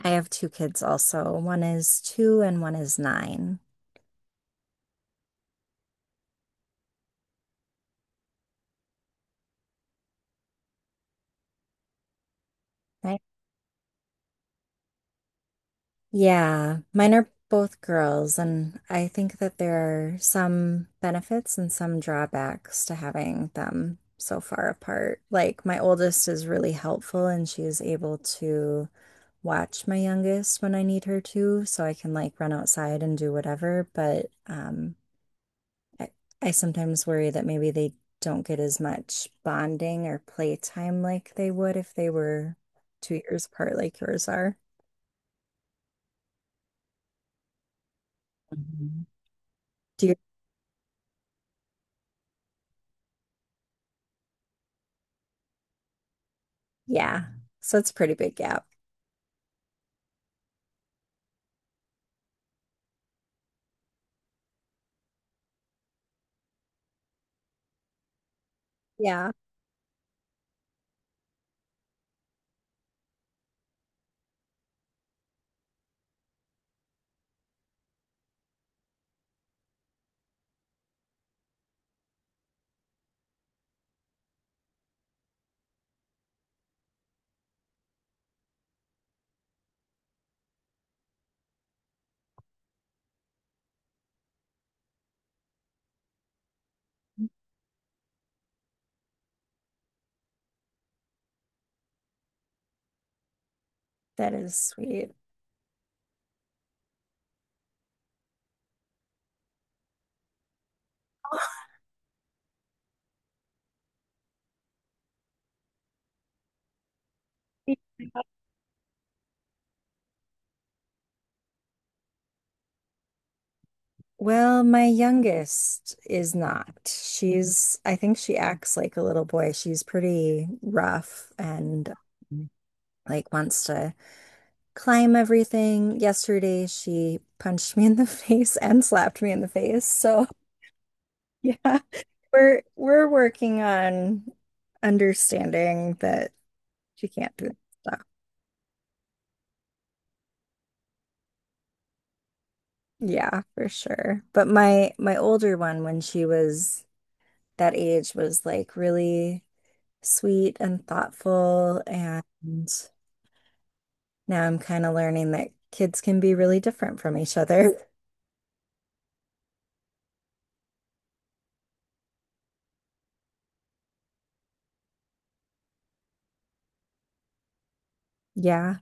I have two kids also. One is two and one is nine. Right? Yeah, mine are both girls, and I think that there are some benefits and some drawbacks to having them so far apart. Like, my oldest is really helpful, and she is able to watch my youngest when I need her to, so I can like run outside and do whatever. But I, I sometimes worry that maybe they don't get as much bonding or playtime like they would if they were 2 years apart like yours are. Do you? Yeah. So it's a pretty big gap. Yeah, that is sweet. Well, my youngest is not. I think she acts like a little boy. She's pretty rough and um, like wants to climb everything. Yesterday, she punched me in the face and slapped me in the face. So, yeah. We're working on understanding that she can't do stuff. Yeah, for sure. But my older one, when she was that age, was like really sweet and thoughtful, and now I'm kind of learning that kids can be really different from each other. Yeah,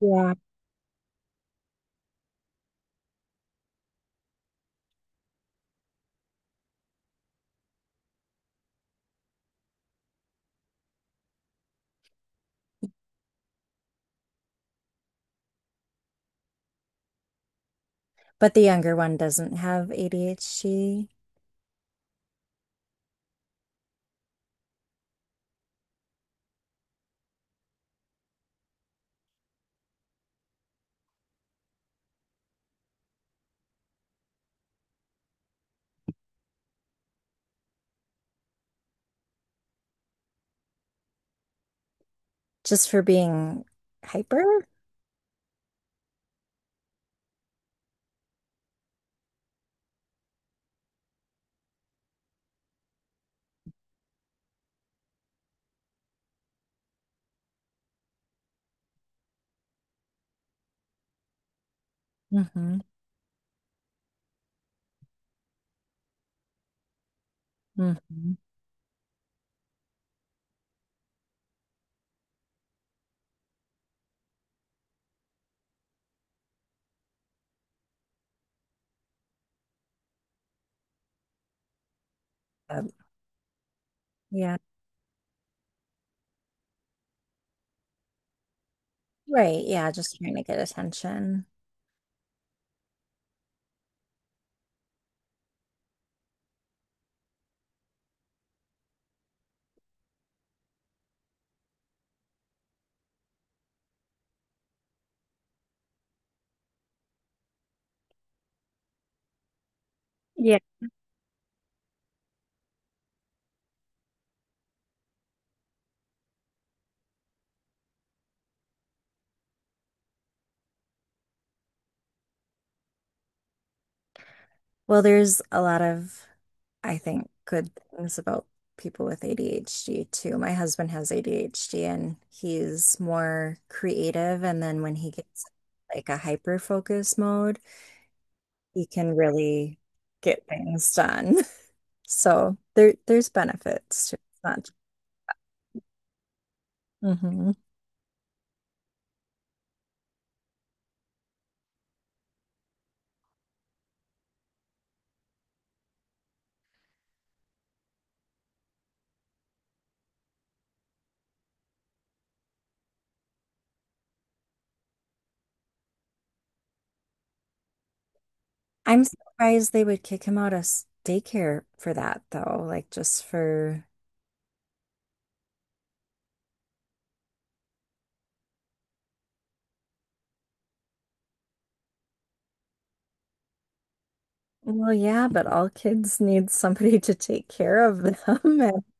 yeah. But the younger one doesn't have ADHD just for being hyper. Mm-hmm. Mm-hmm. Yep. Yeah. Right, yeah, just trying to get attention. Well, there's a lot of, I think, good things about people with ADHD too. My husband has ADHD and he's more creative, and then when he gets like a hyper focus mode, he can really get things done. So there's benefits to it. It's not- Mhm. I'm surprised they would kick him out of s- daycare for that though, like just for. Well, yeah, but all kids need somebody to take care of them.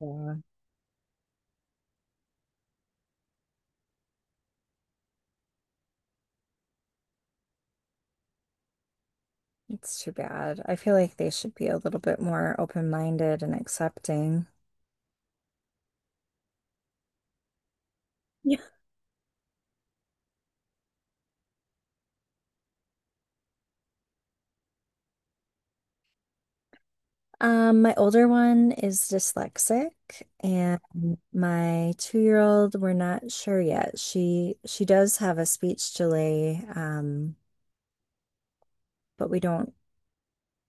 And yeah, it's too bad. I feel like they should be a little bit more open-minded and accepting. Yeah. My older one is dyslexic and my two-year-old, we're not sure yet. She does have a speech delay, but we don't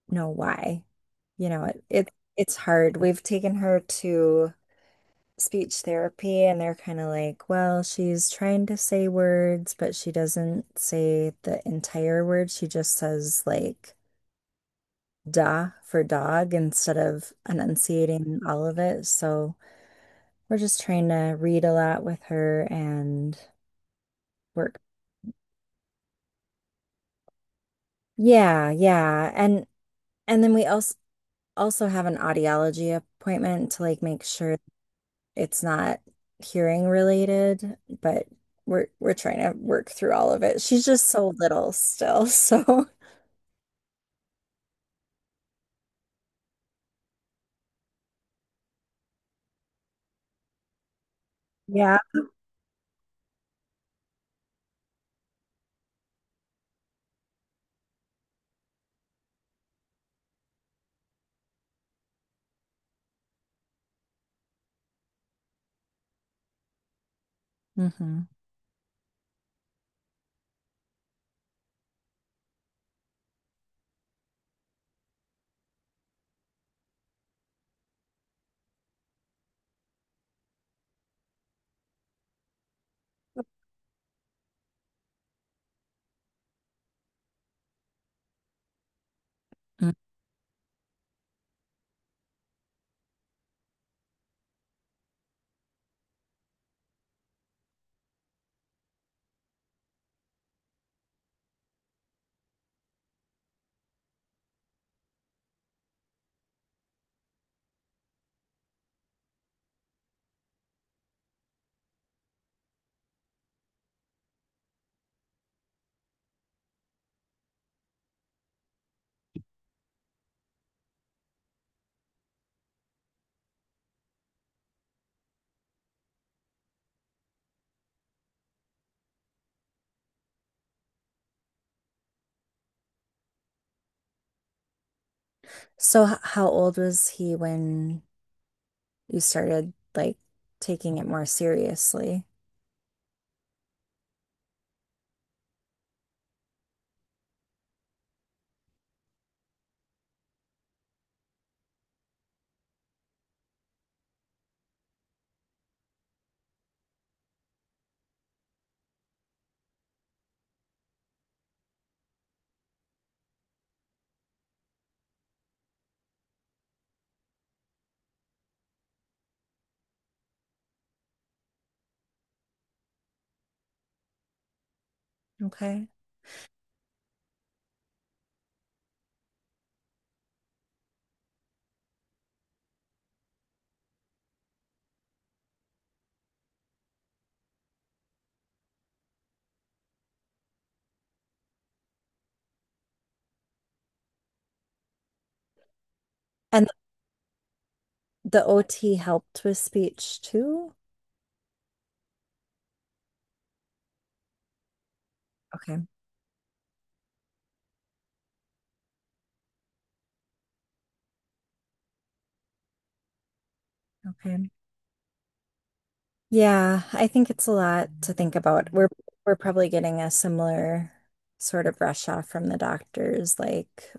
know why. You know, it's hard. We've taken her to speech therapy and they're kind of like, well, she's trying to say words, but she doesn't say the entire word. She just says like da for dog instead of enunciating all of it. So we're just trying to read a lot with her and work. Yeah, yeah. And then we also have an audiology appointment to like make sure it's not hearing related, but we're trying to work through all of it. She's just so little still, so yeah. Hmm. So h- how old was he when you started like taking it more seriously? Okay. And the OT helped with speech too? Okay. Okay. Yeah, I think it's a lot to think about. We're probably getting a similar sort of rush off from the doctors, like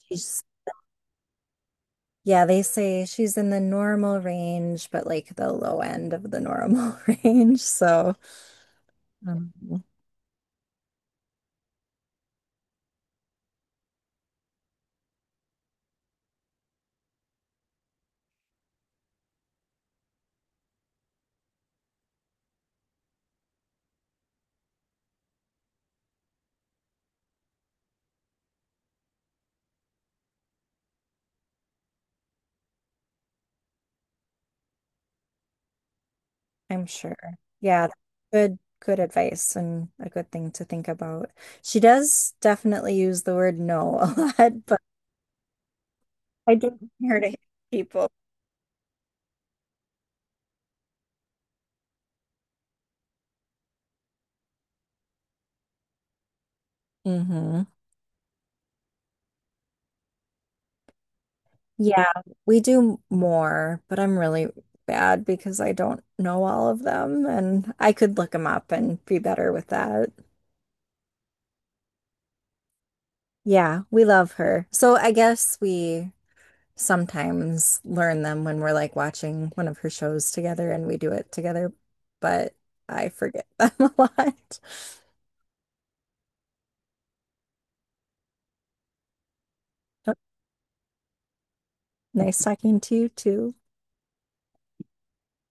she's. Yeah, they say she's in the normal range, but like the low end of the normal range. So um, I'm sure. Yeah, good, good advice and a good thing to think about. She does definitely use the word no a lot, but I don't want her to hit people. Hmm. Yeah, we do more, but I'm really bad because I don't know all of them and I could look them up and be better with that. Yeah, we love her. So I guess we sometimes learn them when we're like watching one of her shows together and we do it together, but I forget them a lot. Nice talking to you too.